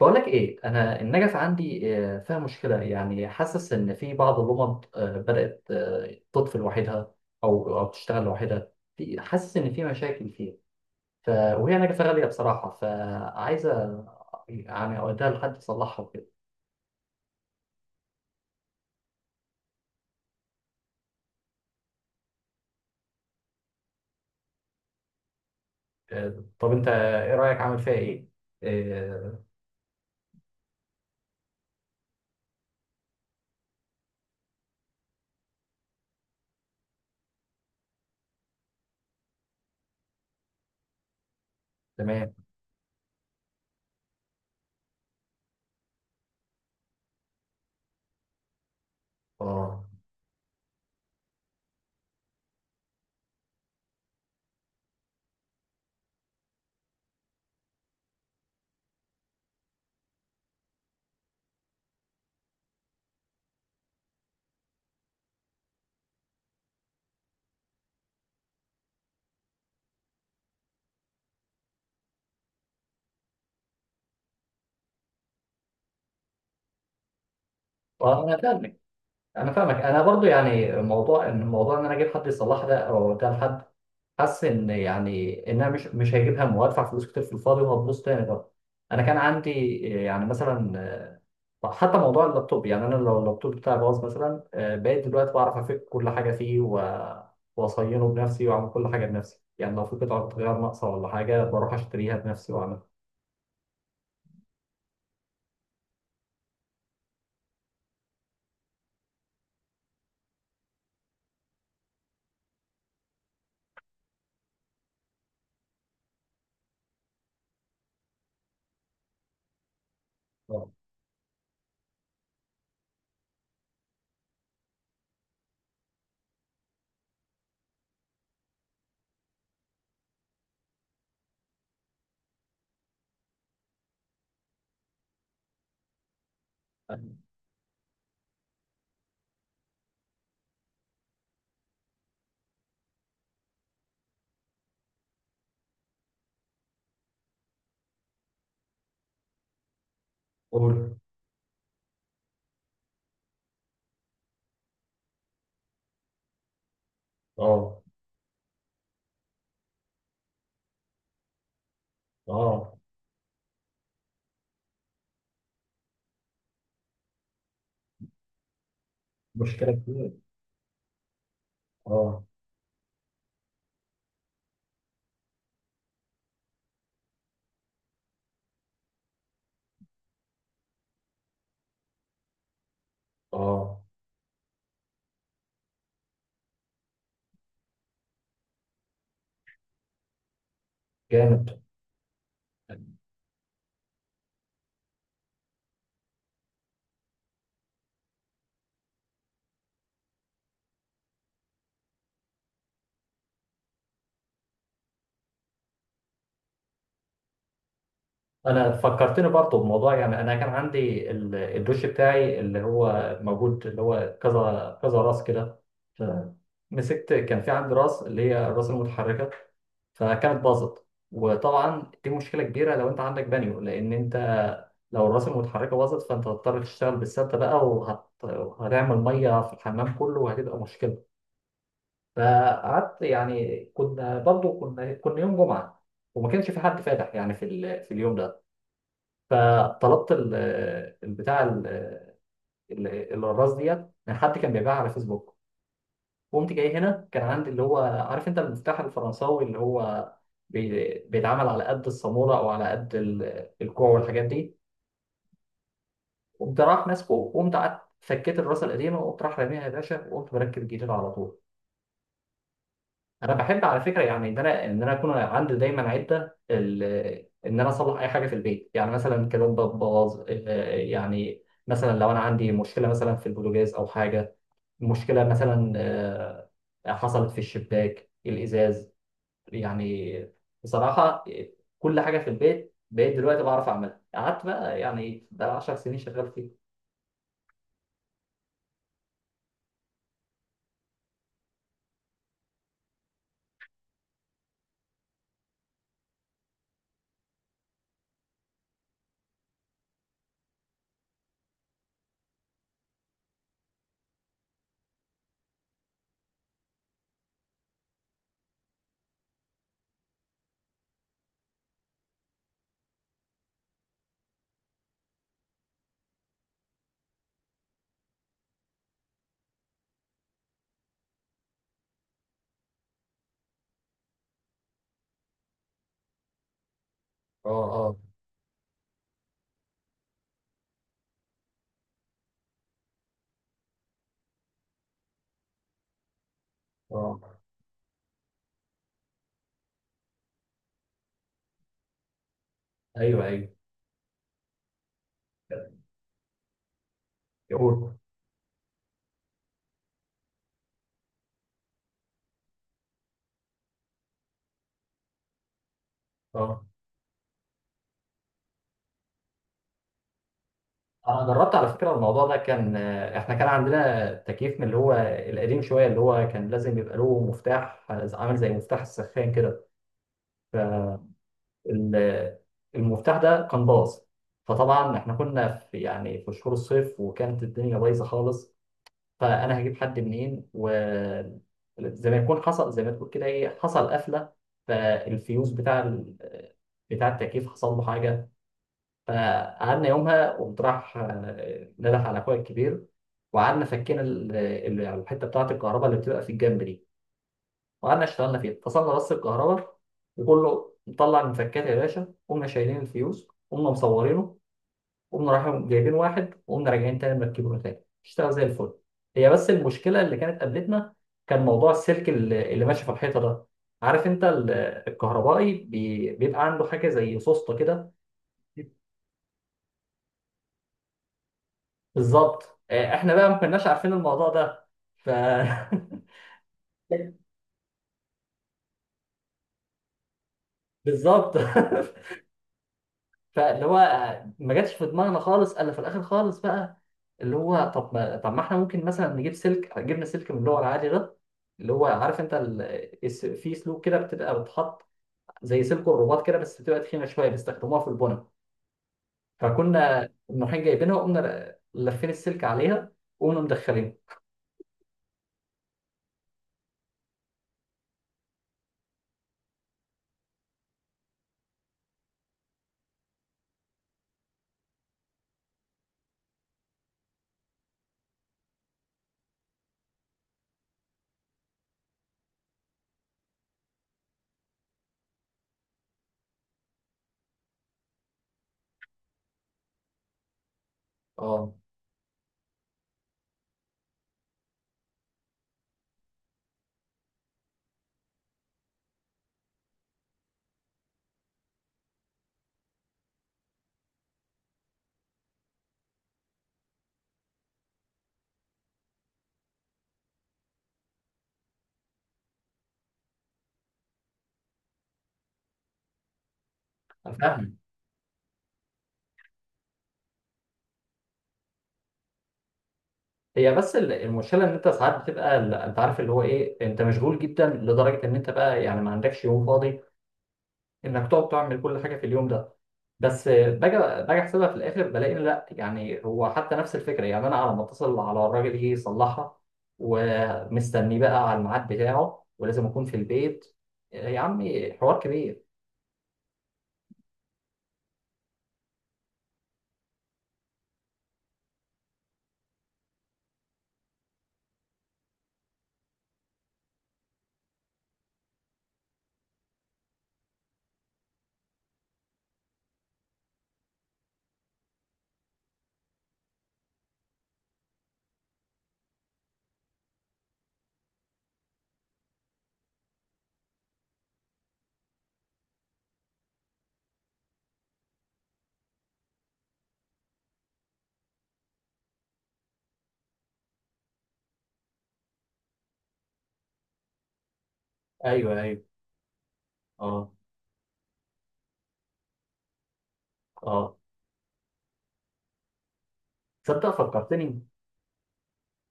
بقولك ايه، انا النجف عندي فيها مشكله. يعني حاسس ان في بعض اللمض بدات تطفي لوحدها او تشتغل لوحدها. في حاسس ان في مشاكل فيها، ف وهي نجفه غاليه بصراحه، فعايزه يعني اوديها لحد يصلحها وكده. طب انت ايه رايك؟ عامل فيها ايه؟ آه، تمام. اه. انا فاهمك، انا فاهمك. انا برضو يعني موضوع ان انا اجيب حد يصلحها ده او اوديها لحد، حس ان يعني انها مش هيجيب همه، وهدفع فلوس كتير في الفاضي وهتبوظ تاني بقى. انا كان عندي يعني مثلا، حتى موضوع اللابتوب. يعني انا لو اللابتوب بتاعي باظ مثلا، بقيت دلوقتي بعرف افك كل حاجه فيه واصينه بنفسي واعمل كل حاجه بنفسي. يعني لو في قطعه غيار ناقصه ولا حاجه بروح اشتريها بنفسي واعملها. آه. قول. اه. اه. مشكله كبيره. اه. اه. جامد. انا فكرتني برضه بموضوع. يعني انا كان عندي الدوش بتاعي اللي هو موجود، اللي هو كذا كذا راس كده. ف- مسكت، كان في عندي راس اللي هي الراس المتحركه، فكانت باظت. وطبعا دي مشكله كبيره لو انت عندك بانيو، لان انت لو الراس المتحركه باظت فانت هتضطر تشتغل بالسده بقى، وهتعمل ميه في الحمام كله وهتبقى مشكله. فقعدت، يعني كنا برضه كنا يوم جمعه، وما كانش في حد فاتح يعني في ال... في اليوم ده. فطلبت البتاع ال- الراس ديت من حد كان بيبيعها على فيسبوك. قمت جاي هنا، كان عندي اللي هو، عارف انت المفتاح الفرنساوي اللي هو بيتعمل على قد الصامولة او على قد الكوع والحاجات دي. قمت راح ماسكه، وقمت قعدت فكيت الراس القديمه وقمت راح راميها يا باشا، وقمت مركب الجديد على طول. انا بحب على فكره، يعني ان انا اكون عندي دايما عده ان انا اصلح اي حاجه في البيت. يعني مثلا كلام باظ يعني مثلا لو انا عندي مشكله مثلا في البوتاجاز او حاجه، مشكله مثلا حصلت في الشباك الازاز. يعني بصراحه كل حاجه في البيت بقيت دلوقتي بعرف اعملها. قعدت بقى يعني بقى 10 سنين شغال فيه. اه. اه. اه. ايوه ايوه. قول. اه. انا جربت على فكره الموضوع ده. كان احنا كان عندنا تكييف من اللي هو القديم شويه، اللي هو كان لازم يبقى له مفتاح عامل زي مفتاح السخان كده. ال- المفتاح ده كان باظ. فطبعا احنا كنا في يعني في شهور الصيف، وكانت الدنيا بايظه خالص. فانا هجيب حد منين؟ وزي ما يكون حصل، زي ما تقول كده، ايه، حصل قفله. فالفيوز بتاع ال... بتاع التكييف حصل له حاجه. فقعدنا يومها، قمت راح نده على اخويا الكبير، وقعدنا فكينا يعني الحته بتاعه الكهرباء اللي بتبقى في الجنب دي. وقعدنا اشتغلنا فيها، فصلنا بس الكهرباء وكله، مطلع المفكات يا باشا، قمنا شايلين الفيوز، قمنا مصورينه، قمنا رايحين جايبين واحد، وقمنا راجعين تاني مركبينه تاني، اشتغل زي الفل. هي بس المشكله اللي كانت قابلتنا، كان موضوع السلك اللي ماشي في الحيطه ده. عارف انت الكهربائي بيبقى عنده حاجه زي سوسته كده. بالظبط، احنا بقى ما كناش عارفين الموضوع ده. ف بالظبط. فاللي هو ما جاتش في دماغنا خالص، الا في الاخر خالص بقى اللي هو، طب ما احنا ممكن مثلا نجيب سلك. جبنا سلك من اللي هو العادي ده، اللي هو، عارف انت ال... في سلوك كده بتبقى بتحط، زي سلك الرباط كده بس بتبقى تخينه شويه، بيستخدموها في البنا. فكنا رايحين جايبينها، وقمنا لافين السلك عليها وقمنا مدخلينها. اه. فاهم. هي بس المشكله ان انت ساعات بتبقى انت عارف اللي هو ايه، انت مشغول جدا لدرجه ان انت بقى يعني ما عندكش يوم فاضي انك تقعد تعمل كل حاجه في اليوم ده. بس باجي احسبها في الاخر بلاقي إن لا، يعني هو حتى نفس الفكره. يعني انا على ما اتصل على الراجل يجي يصلحها، ومستني بقى على الميعاد بتاعه، ولازم اكون في البيت. يا عمي حوار كبير. ايوه ايوه. اه اه. تصدق فكرتني.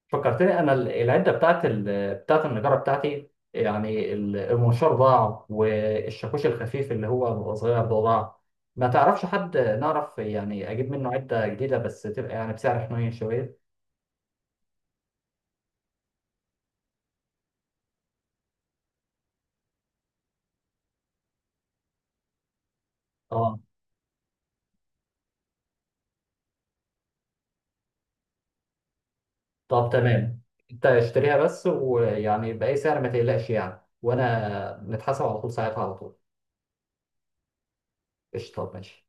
فكرتني انا العده بتاعت ال... بتاعت النجاره بتاعتي. يعني المنشار ضاع، والشاكوش الخفيف اللي هو بيبقى صغير ده ضاع. ما تعرفش حد نعرف يعني اجيب منه عده جديده، بس تبقى يعني بسعر حنين شويه. اه. طب تمام. انت اشتريها بس، ويعني باي سعر ما تقلقش، يعني وانا نتحاسب على طول ساعتها على طول. قشطه ماشي.